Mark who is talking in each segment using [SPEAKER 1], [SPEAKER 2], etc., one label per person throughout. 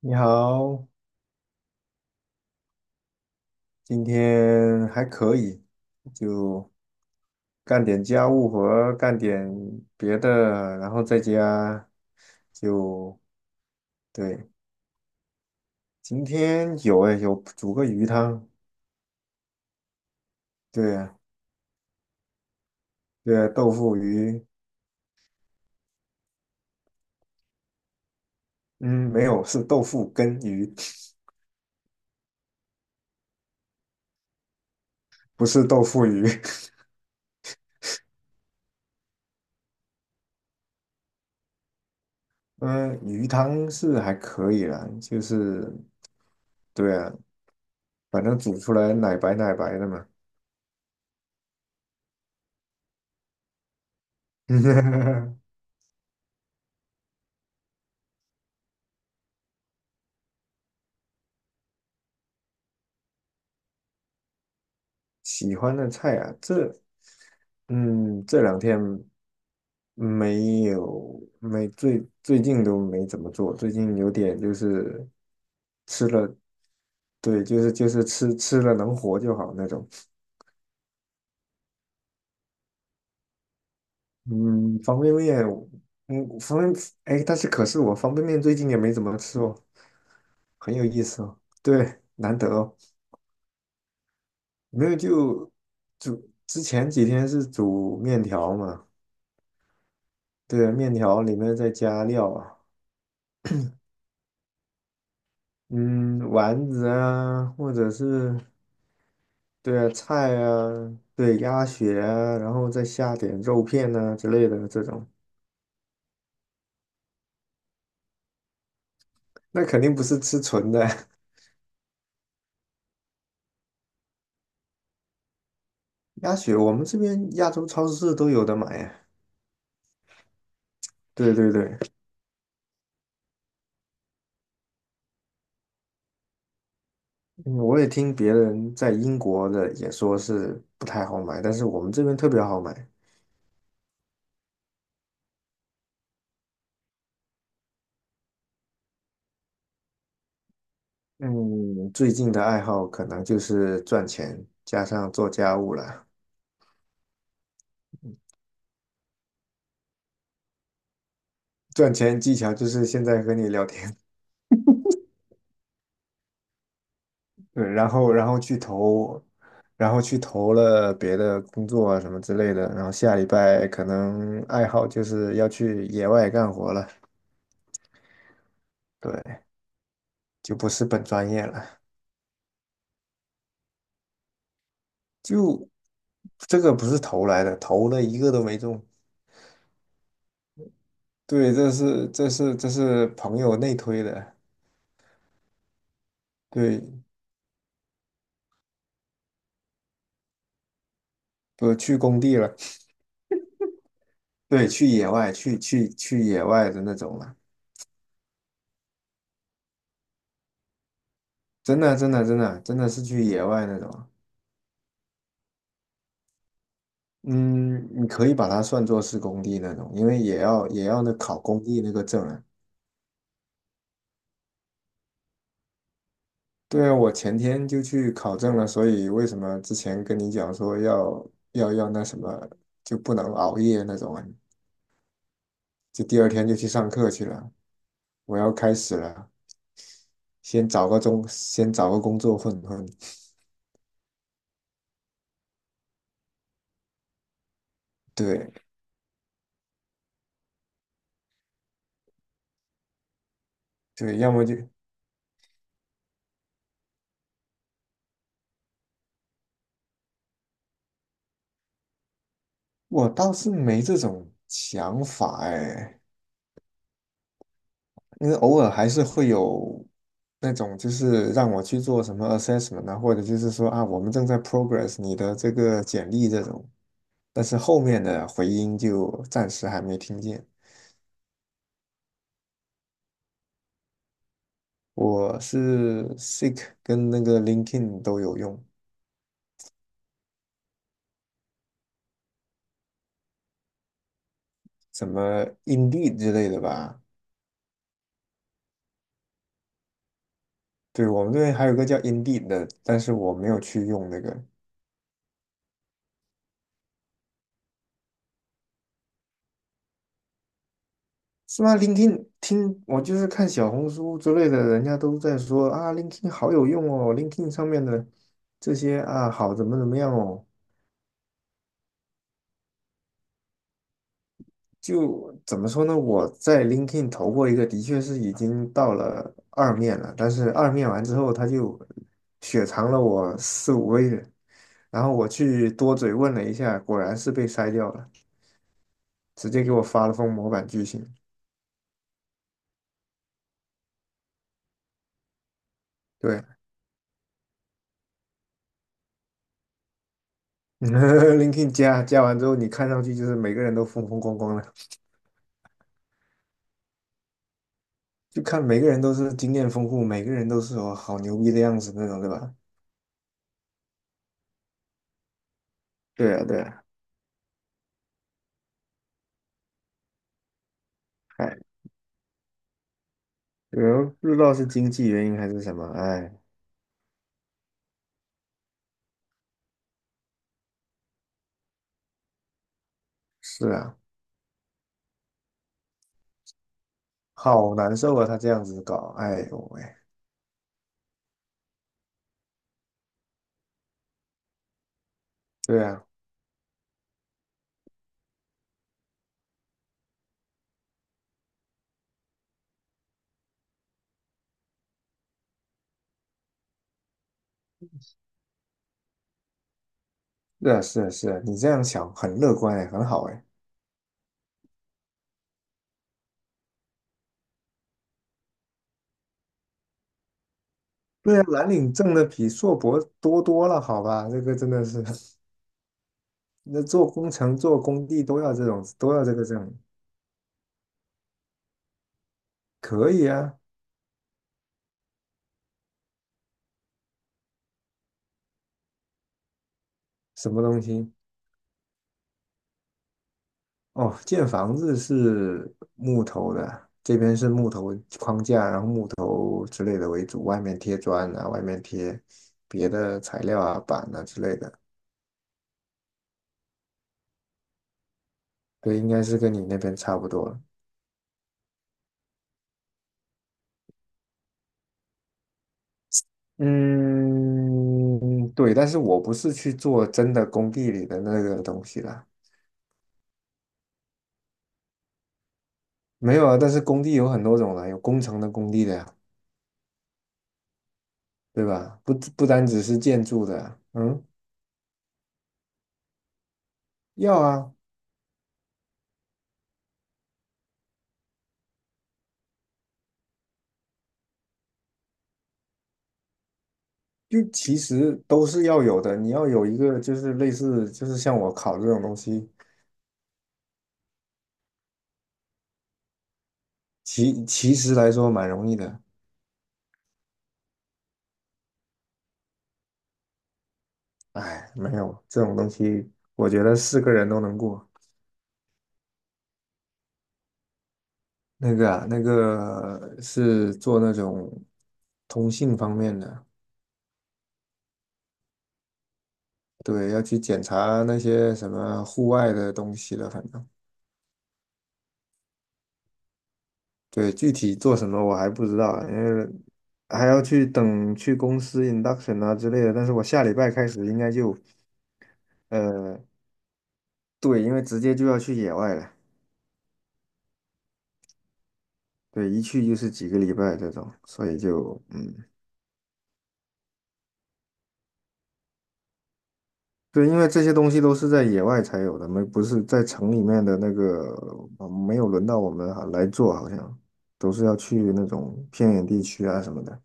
[SPEAKER 1] 你好。今天还可以，就干点家务活，干点别的，然后在家就对。今天有诶，有煮个鱼汤。对啊。对啊，豆腐鱼。嗯，没有，是豆腐跟鱼。不是豆腐鱼。嗯，鱼汤是还可以啦，就是对啊，反正煮出来奶白奶白的嘛。喜欢的菜啊，这这两天。没有，没最最近都没怎么做，最近有点就是吃了。对，就是吃了能活就好那种。嗯，方便面。嗯，方便，哎，但是可是我方便面最近也没怎么吃哦。很有意思哦，对，难得哦。没有就煮，之前几天是煮面条嘛。对，面条里面再加料啊。嗯，丸子啊，或者是对啊，菜啊，对，鸭血啊，然后再下点肉片啊之类的这种。那肯定不是吃纯的。鸭血我们这边亚洲超市都有的买啊。对对对。嗯我也听别人在英国的也说是不太好买，但是我们这边特别好买。嗯，最近的爱好可能就是赚钱，加上做家务了。赚钱技巧就是现在和你聊天。对，然后去投，然后去投了别的工作啊什么之类的，然后下礼拜可能爱好就是要去野外干活了。对，就不是本专业了。就这个不是投来的，投了一个都没中。对，这是朋友内推的。对，不去工地了。对，去野外去野外的那种了。真的是去野外那种。嗯，你可以把它算作是工地那种，因为也要那考工地那个证啊。对啊，我前天就去考证了，所以为什么之前跟你讲说要那什么就不能熬夜那种啊？就第二天就去上课去了，我要开始了。先找个工作混混。对对，要么就我倒是没这种想法哎。因为偶尔还是会有那种，就是让我去做什么 assessment 啊，或者就是说啊，我们正在 progress 你的这个简历这种，但是后面的回音就暂时还没听见。我是 Seek 跟那个 LinkedIn 都有用。什么 Indeed 之类的吧。对，我们这边还有个叫 Indeed 的，但是我没有去用那个。是吗？ l i n k i n 听我就是看小红书之类的，人家都在说啊 l i n k i n 好有用哦， l i n k i n 上面的这些啊，好怎么怎么样哦。就怎么说呢？我在 l i n k i n 投过一个，的确是已经到了二面了，但是二面完之后，他就雪藏了我4、5个月，然后我去多嘴问了一下，果然是被筛掉了，直接给我发了封模板拒信。对。 ，LinkedIn 加完之后，你看上去就是每个人都风风光光的。就看每个人都是经验丰富，每个人都是哦好牛逼的样子那种，对吧？对啊，对啊。哎，有人不知道是经济原因还是什么。哎，是啊，好难受啊，他这样子搞，哎呦喂。对啊，是啊，是啊，是啊你这样想很乐观哎，很好哎。对啊，蓝领挣的比硕博多多了，好吧，这个真的是。那做工程、做工地都要这种，都要这个证。可以啊。什么东西？哦，建房子是木头的，这边是木头框架，然后木头之类的为主，外面贴砖啊，外面贴别的材料啊、板啊之类的。对，应该是跟你那边差不多了。嗯，对，但是我不是去做真的工地里的那个东西啦。没有啊。但是工地有很多种啦，有工程的工地的呀，对吧？不单只是建筑的啊嗯。要啊。就其实都是要有的，你要有一个就是类似就是像我考这种东西。其实来说蛮容易的。哎，没有这种东西。我觉得是个人都能过。那个啊，那个是做那种通信方面的。对，要去检查那些什么户外的东西了。反正对，具体做什么我还不知道啊因为还要去等去公司 induction 啊之类的。但是我下礼拜开始应该就。呃，对，因为直接就要去野外了。对，一去就是几个礼拜这种，所以就嗯。对，因为这些东西都是在野外才有的，没不是在城里面的那个。没有轮到我们哈来做，好像都是要去那种偏远地区啊什么的。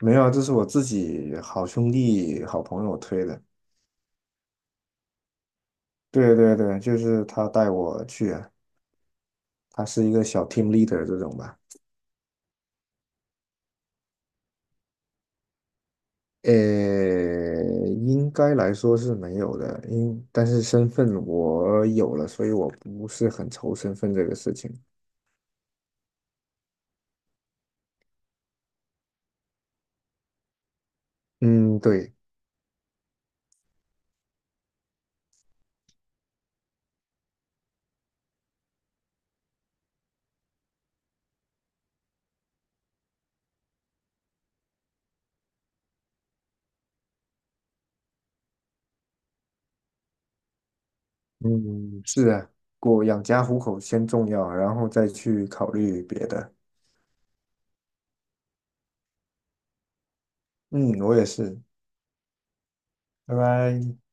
[SPEAKER 1] 没有啊，这是我自己好兄弟、好朋友推的。对对对，就是他带我去啊。他是一个小 team leader 这种吧。呃，应该来说是没有的，因但是身份我有了，所以我不是很愁身份这个事情。嗯，对。嗯，是啊，过养家糊口先重要，然后再去考虑别的。嗯，我也是。拜拜。